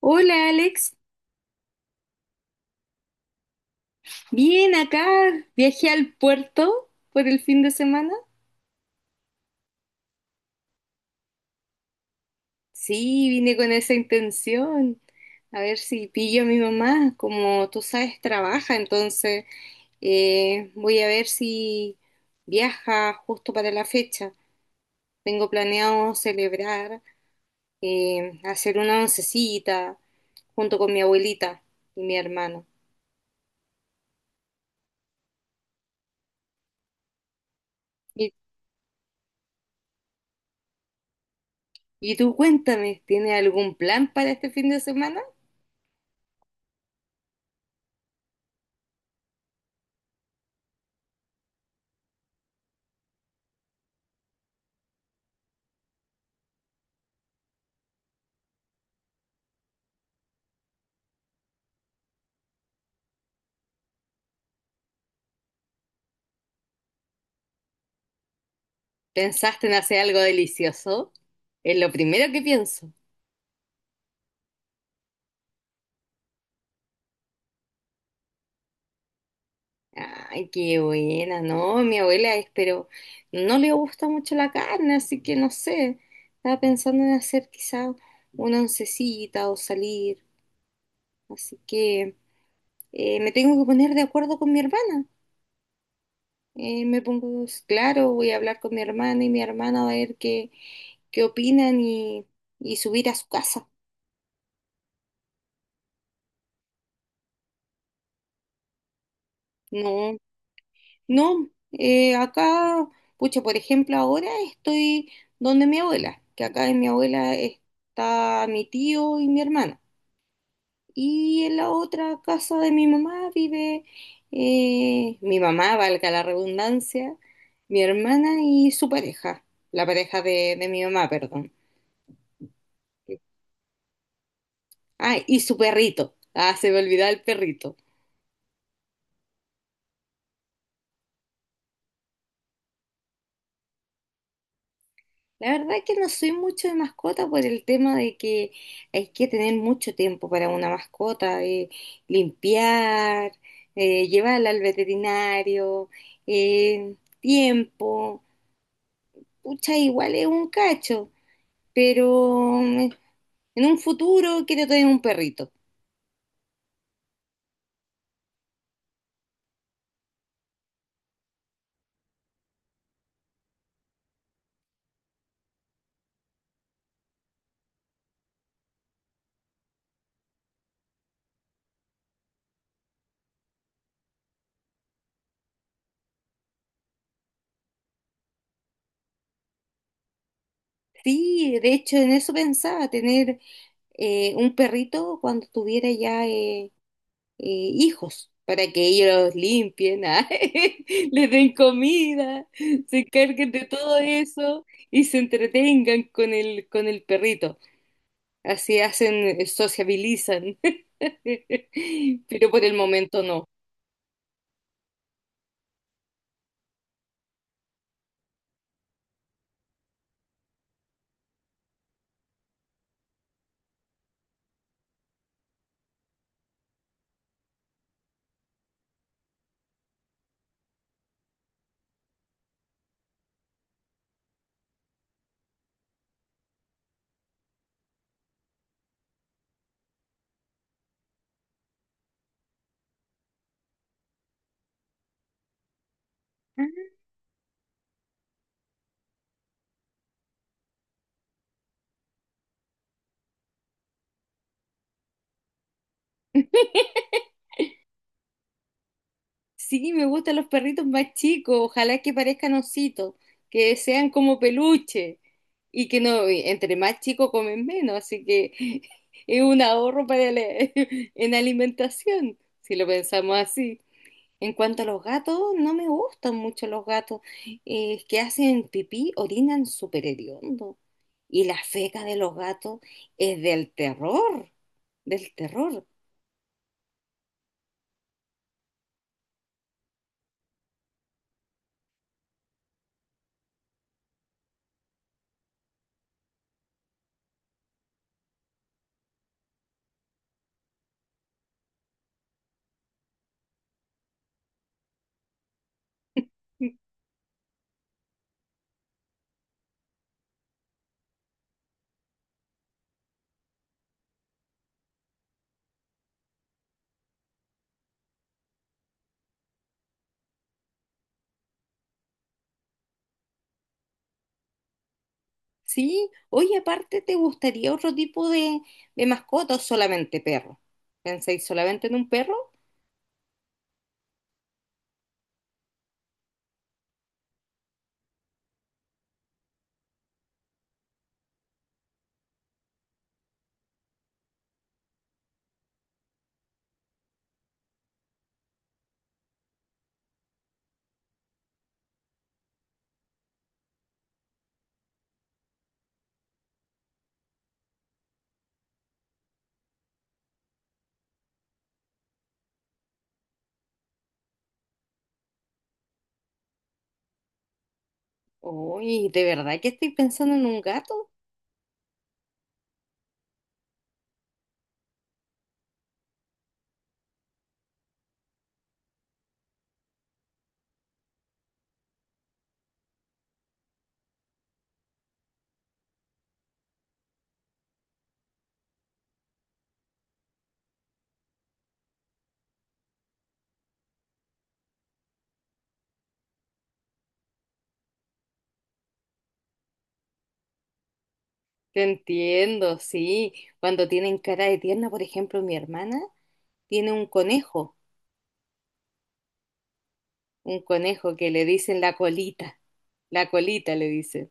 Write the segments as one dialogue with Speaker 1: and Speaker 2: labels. Speaker 1: Hola Alex, bien acá, viajé al puerto por el fin de semana. Sí, vine con esa intención, a ver si pillo a mi mamá, como tú sabes, trabaja, entonces voy a ver si viaja justo para la fecha. Tengo planeado celebrar, hacer una oncecita junto con mi abuelita y mi hermano. ¿Y, y tú cuéntame, ¿tienes algún plan para este fin de semana? ¿Pensaste en hacer algo delicioso? Es lo primero que pienso. Ay, qué buena, no, mi abuela es, pero no le gusta mucho la carne, así que no sé. Estaba pensando en hacer quizá una oncecita o salir. Así que me tengo que poner de acuerdo con mi hermana. Me pongo, claro, voy a hablar con mi hermana y mi hermana va a ver qué opinan y subir a su casa. No, no, acá, pucha, por ejemplo, ahora estoy donde mi abuela, que acá en mi abuela está mi tío y mi hermano. Y en la otra casa de mi mamá vive mi mamá, valga la redundancia, mi hermana y su pareja, la pareja de mi mamá, perdón. Ah, y su perrito. Ah, se me olvidaba el perrito. La verdad que no soy mucho de mascota por el tema de que hay que tener mucho tiempo para una mascota, limpiar, llevarla al veterinario, tiempo. Pucha, igual es un cacho, pero en un futuro quiero tener un perrito. Sí, de hecho en eso pensaba, tener un perrito cuando tuviera ya hijos para que ellos los limpien, ah, les den comida, se encarguen de todo eso y se entretengan con el perrito. Así hacen, sociabilizan, pero por el momento no. Sí, me gustan los perritos más chicos, ojalá que parezcan ositos, que sean como peluche y que no, y entre más chicos comen menos, así que es un ahorro para la- en alimentación, si lo pensamos así. En cuanto a los gatos, no me gustan mucho los gatos, que hacen pipí, orinan súper hediondo y la feca de los gatos es del terror, del terror. Sí, oye, aparte, ¿te gustaría otro tipo de mascota o solamente perro? ¿Pensáis solamente en un perro? Uy, ¿de verdad que estoy pensando en un gato? Te entiendo, sí. Cuando tienen cara de tierna, por ejemplo, mi hermana tiene un conejo que le dicen la colita le dicen.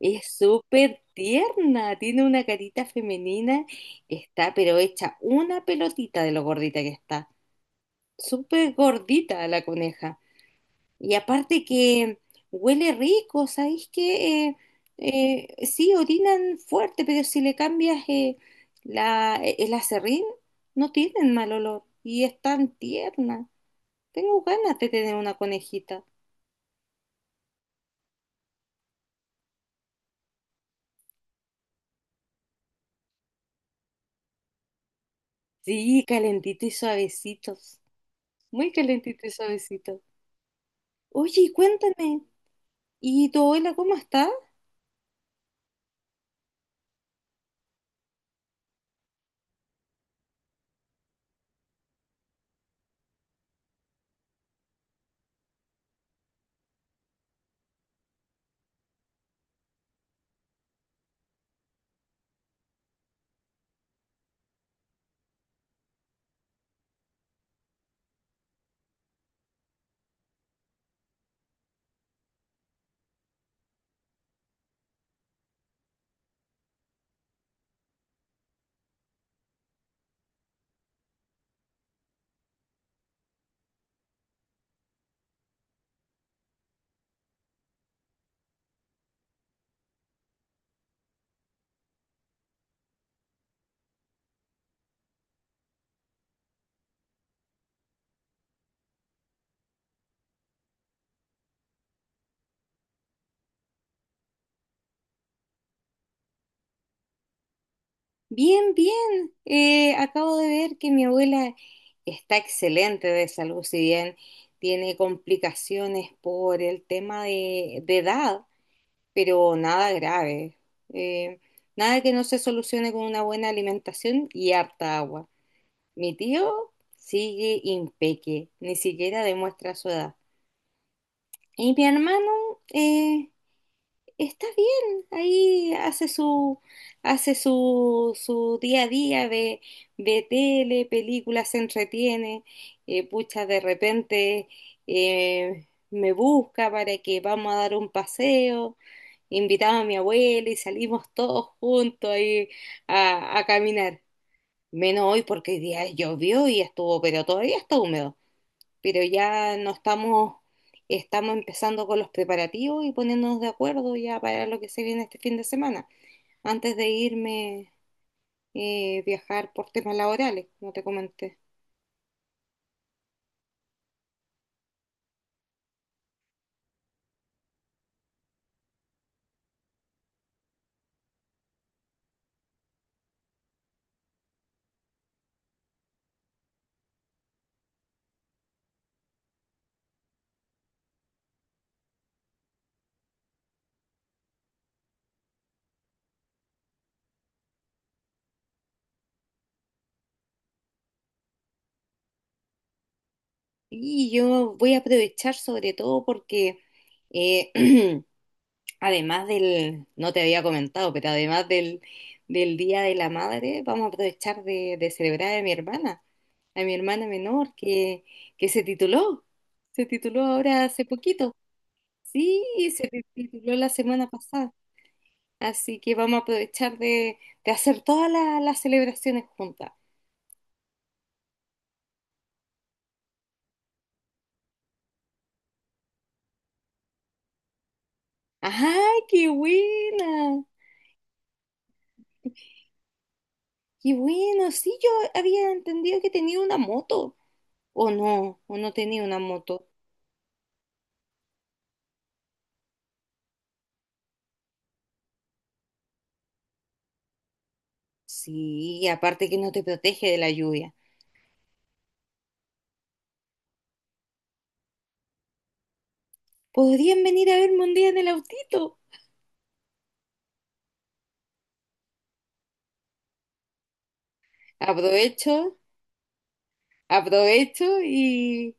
Speaker 1: Es súper tierna, tiene una carita femenina, está pero hecha una pelotita de lo gordita que está. Súper gordita la coneja. Y aparte que huele rico, ¿sabéis qué? Sí, orinan fuerte, pero si le cambias la, e, el aserrín, no tienen mal olor y es tan tierna. Tengo ganas de tener una conejita. Sí, calentito y suavecitos. Muy calentito y suavecito. Oye, y cuéntame, ¿y tu abuela cómo está? Bien, bien. Acabo de ver que mi abuela está excelente de salud, si bien tiene complicaciones por el tema de edad, pero nada grave. Eh, nada que no se solucione con una buena alimentación y harta agua. Mi tío sigue impeque, ni siquiera demuestra su edad. Y mi hermano, está bien, ahí hace su día a día, ve tele, películas, se entretiene, pucha, de repente me busca para que vamos a dar un paseo, invitaba a mi abuela y salimos todos juntos ahí a caminar, menos hoy porque hoy día llovió y estuvo, pero todavía está húmedo pero ya no estamos, estamos empezando con los preparativos y poniéndonos de acuerdo ya para lo que se viene este fin de semana, antes de irme viajar por temas laborales, como te comenté. Y yo voy a aprovechar sobre todo porque eh, además del, no te había comentado, pero además del Día de la Madre, vamos a aprovechar de celebrar a mi hermana menor que se tituló ahora hace poquito. Sí, se tituló la semana pasada, así que vamos a aprovechar de hacer todas la- las celebraciones juntas. ¡Ajá, qué buena! ¡Qué bueno! Sí, yo había entendido que tenía una moto, o no tenía una moto. Sí, aparte que no te protege de la lluvia. ¿Podrían venir a verme un día en el autito? Aprovecho aprovecho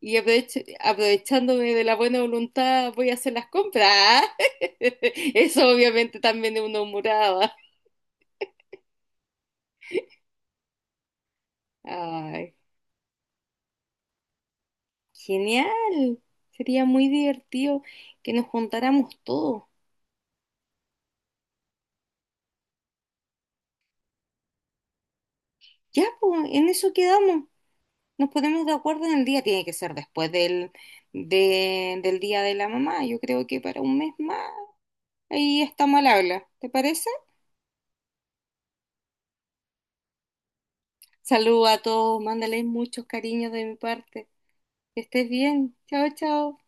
Speaker 1: y aprovecho- aprovechándome de la buena voluntad voy a hacer las compras. Eso obviamente también es una humorada. Ay, genial. Sería muy divertido que nos juntáramos todos. Ya, pues, en eso quedamos. Nos ponemos de acuerdo en el día. Tiene que ser después del, de- del día de la mamá. Yo creo que para un mes más. Ahí está mal habla. ¿Te parece? Saluda a todos. Mándales muchos cariños de mi parte. Que estés bien. Chao, chao.